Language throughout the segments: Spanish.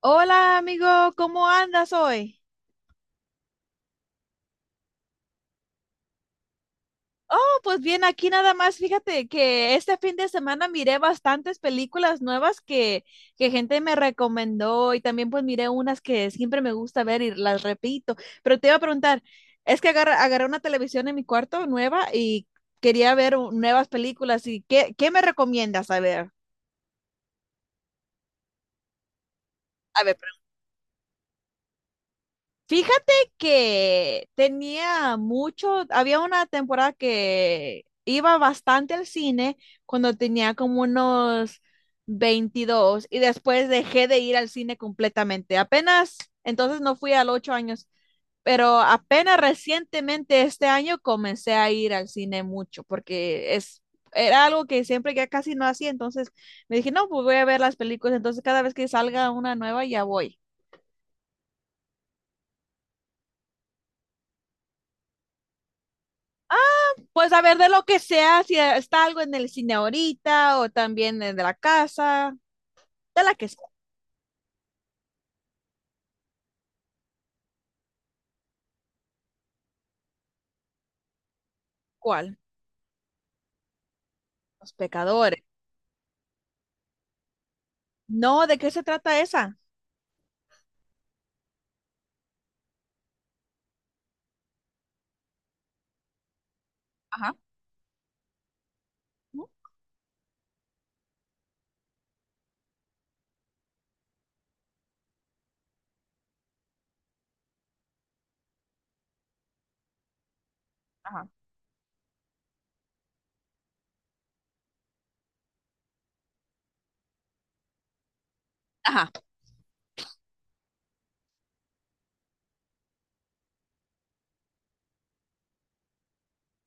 Hola amigo, ¿cómo andas hoy? No, pues bien, aquí nada más, fíjate que este fin de semana miré bastantes películas nuevas que gente me recomendó y también pues miré unas que siempre me gusta ver y las repito, pero te iba a preguntar, es que agarré una televisión en mi cuarto nueva y quería ver nuevas películas y ¿qué me recomiendas? A ver, Fíjate que tenía mucho, había una temporada que iba bastante al cine cuando tenía como unos 22, y después dejé de ir al cine completamente. Entonces no fui a los 8 años, pero apenas recientemente este año comencé a ir al cine mucho porque era algo que siempre ya casi no hacía. Entonces me dije, no, pues voy a ver las películas, entonces cada vez que salga una nueva ya voy. Pues a ver, de lo que sea, si está algo en el cine ahorita o también de la casa, de la que sea. ¿Cuál? Los pecadores. No, ¿de qué se trata esa? Ajá. ¿Mm? Ajá. Ajá.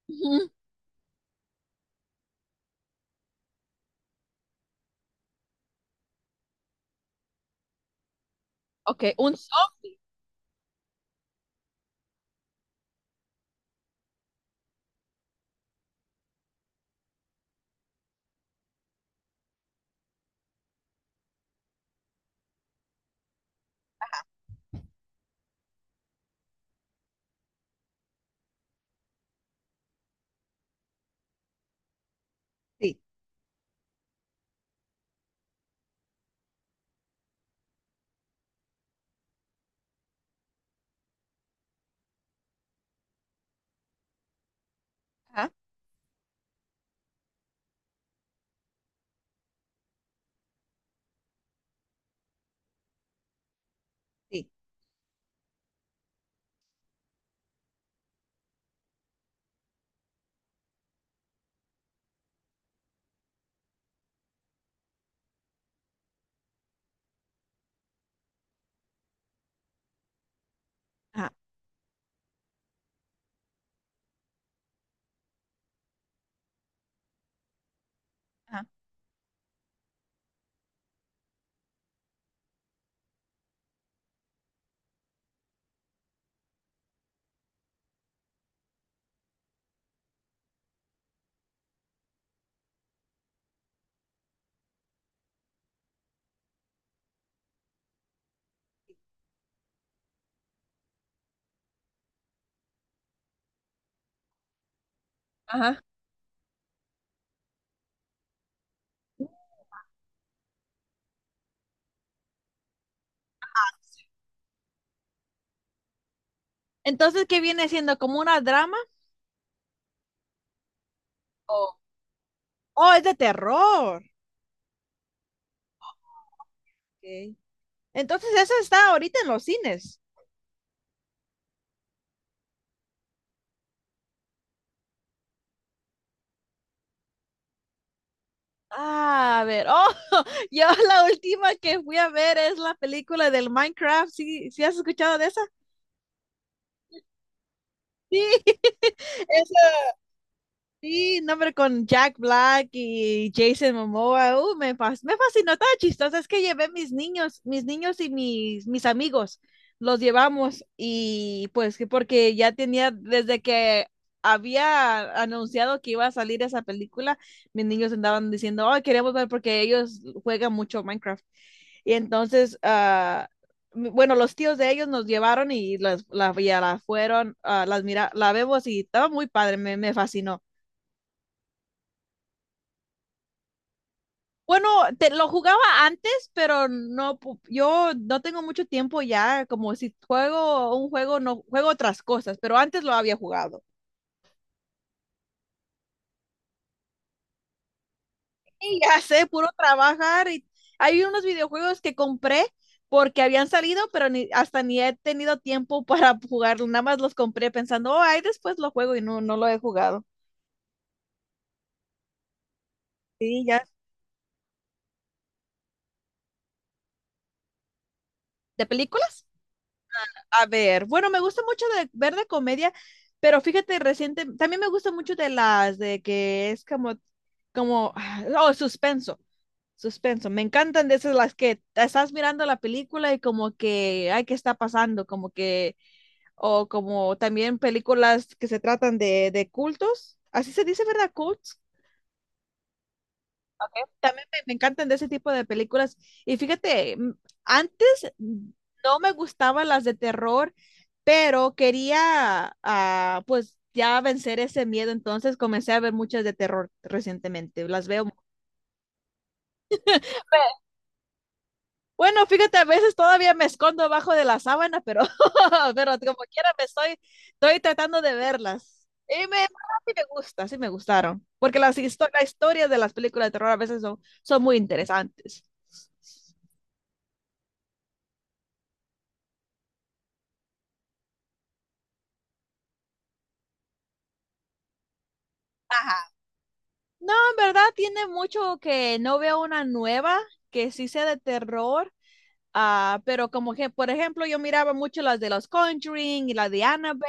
Ujú. Ok, un zombie. Ajá. Sí. Ajá. Ajá. Ajá. Entonces, ¿qué viene siendo? ¿Como una drama? O Oh, es de terror. Ok. Entonces, esa está ahorita en los cines. Ah, a ver. Oh, yo la última que fui a ver es la película del Minecraft. ¿Sí, sí has escuchado de esa? Sí, eso. Sí, no, pero con Jack Black y Jason Momoa, me, me fascinó, estaba chistoso, es que llevé mis niños, mis amigos, los llevamos y pues que porque ya tenía, desde que había anunciado que iba a salir esa película, mis niños andaban diciendo, oh, queremos ver porque ellos juegan mucho Minecraft. Y entonces, bueno, los tíos de ellos nos llevaron y ya la fueron, ah, las mira, la vemos y estaba muy padre, me fascinó. Bueno, lo jugaba antes, pero no, yo no tengo mucho tiempo ya, como si juego un juego, no juego otras cosas, pero antes lo había jugado. Y ya sé, puro trabajar, y hay unos videojuegos que compré porque habían salido, pero ni, hasta ni he tenido tiempo para jugarlo, nada más los compré pensando, oh, ahí después lo juego y no, no lo he jugado. Sí, ya. ¿De películas? A ver, bueno, me gusta mucho de ver de comedia, pero fíjate, reciente, también me gusta mucho de las de que es como, como, ah, oh, suspenso, suspenso. Me encantan de esas, las que te estás mirando la película y como que, ay, ¿qué está pasando? Como que, o como también películas que se tratan de cultos. Así se dice, ¿verdad? Cults también me encantan de ese tipo de películas. Y fíjate, antes no me gustaban las de terror, pero quería, ah, pues, ya vencer ese miedo. Entonces comencé a ver muchas de terror recientemente. Las veo. Bueno, fíjate, a veces todavía me escondo abajo de la sábana, pero, pero como quiera estoy tratando de verlas. Y sí me gusta, sí me gustaron. Porque las historias de las películas de terror a veces son, son muy interesantes. Ajá. No, en verdad tiene mucho que no veo una nueva que sí sea de terror, ah, pero como que, por ejemplo, yo miraba mucho las de los Conjuring y la de Annabelle,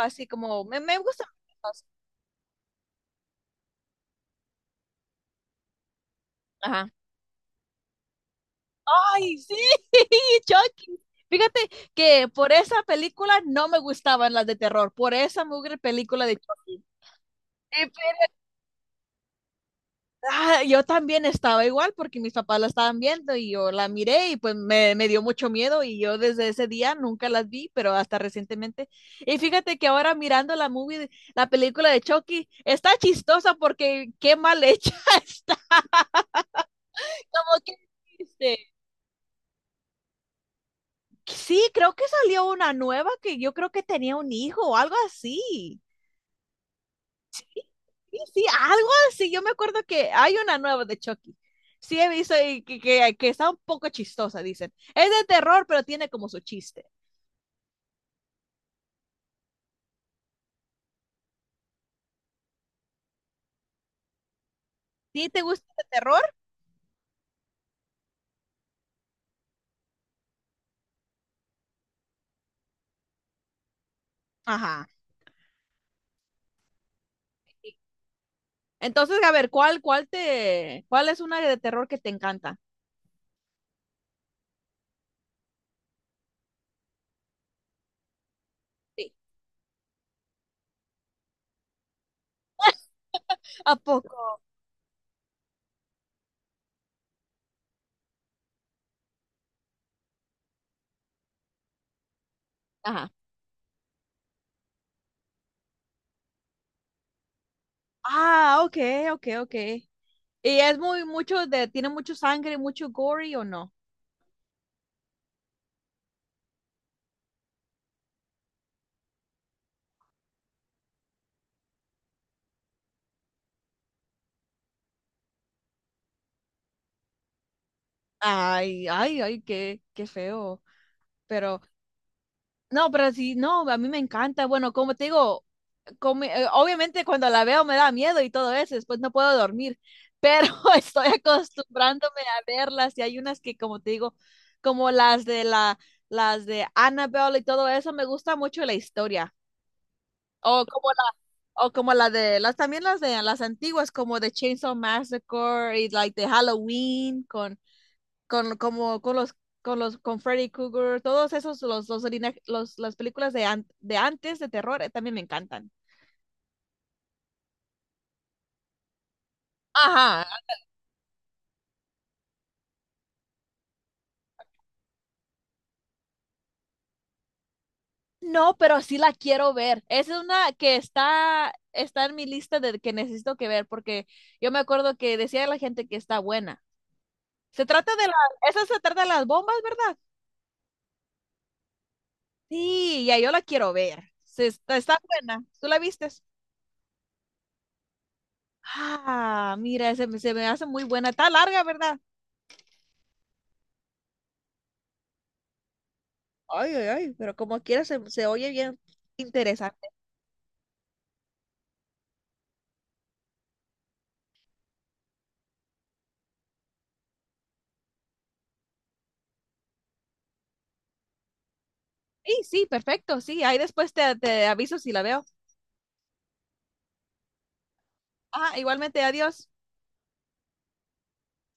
así como, me gustan. las- Ajá. Ay, sí, Chucky. Fíjate que por esa película no me gustaban las de terror, por esa mugre película de Chucky. Ah, yo también estaba igual porque mis papás la estaban viendo y yo la miré y pues me dio mucho miedo y yo desde ese día nunca las vi, pero hasta recientemente. Y fíjate que ahora mirando la movie, la película de Chucky, está chistosa porque qué mal hecha está. Como que este, sí, creo que salió una nueva que yo creo que tenía un hijo o algo así. Sí, sí algo así. Yo me acuerdo que hay una nueva de Chucky. Sí, he visto y que está un poco chistosa, dicen. Es de terror, pero tiene como su chiste. ¿Sí te gusta el terror? Ajá. Sí. Entonces, a ver, ¿ cuál es una de terror que te encanta? Sí. ¿A poco? Ajá. Ah, ok, ok, ok. ¿Y es muy, mucho de, tiene mucho sangre, mucho gory o no? Ay, ay, ay, qué, qué feo. Pero no, pero sí, no, a mí me encanta. Bueno, como te digo, obviamente cuando la veo me da miedo y todo eso, después no puedo dormir, pero estoy acostumbrándome a verlas, y hay unas que, como te digo, como las de Annabelle y todo eso, me gusta mucho la historia. O como la, o como la de, las también las de las antiguas, como de Chainsaw Massacre y like de Halloween con con con Freddy Krueger, todos esos, las películas de, de antes, de terror, también me encantan. Ajá. No, pero sí la quiero ver. Esa es una que está, está en mi lista de que necesito que ver, porque yo me acuerdo que decía la gente que está buena. Se trata esa se trata de las bombas, ¿verdad? Sí, ya yo la quiero ver. Se está, está buena. ¿Tú la vistes? Ah, mira, se me hace muy buena. Está larga, ¿verdad? Ay, ay, ay, pero como quiera se, se oye bien interesante. Sí, sí, perfecto, sí, ahí después te, te aviso si la veo. Ah, igualmente, adiós.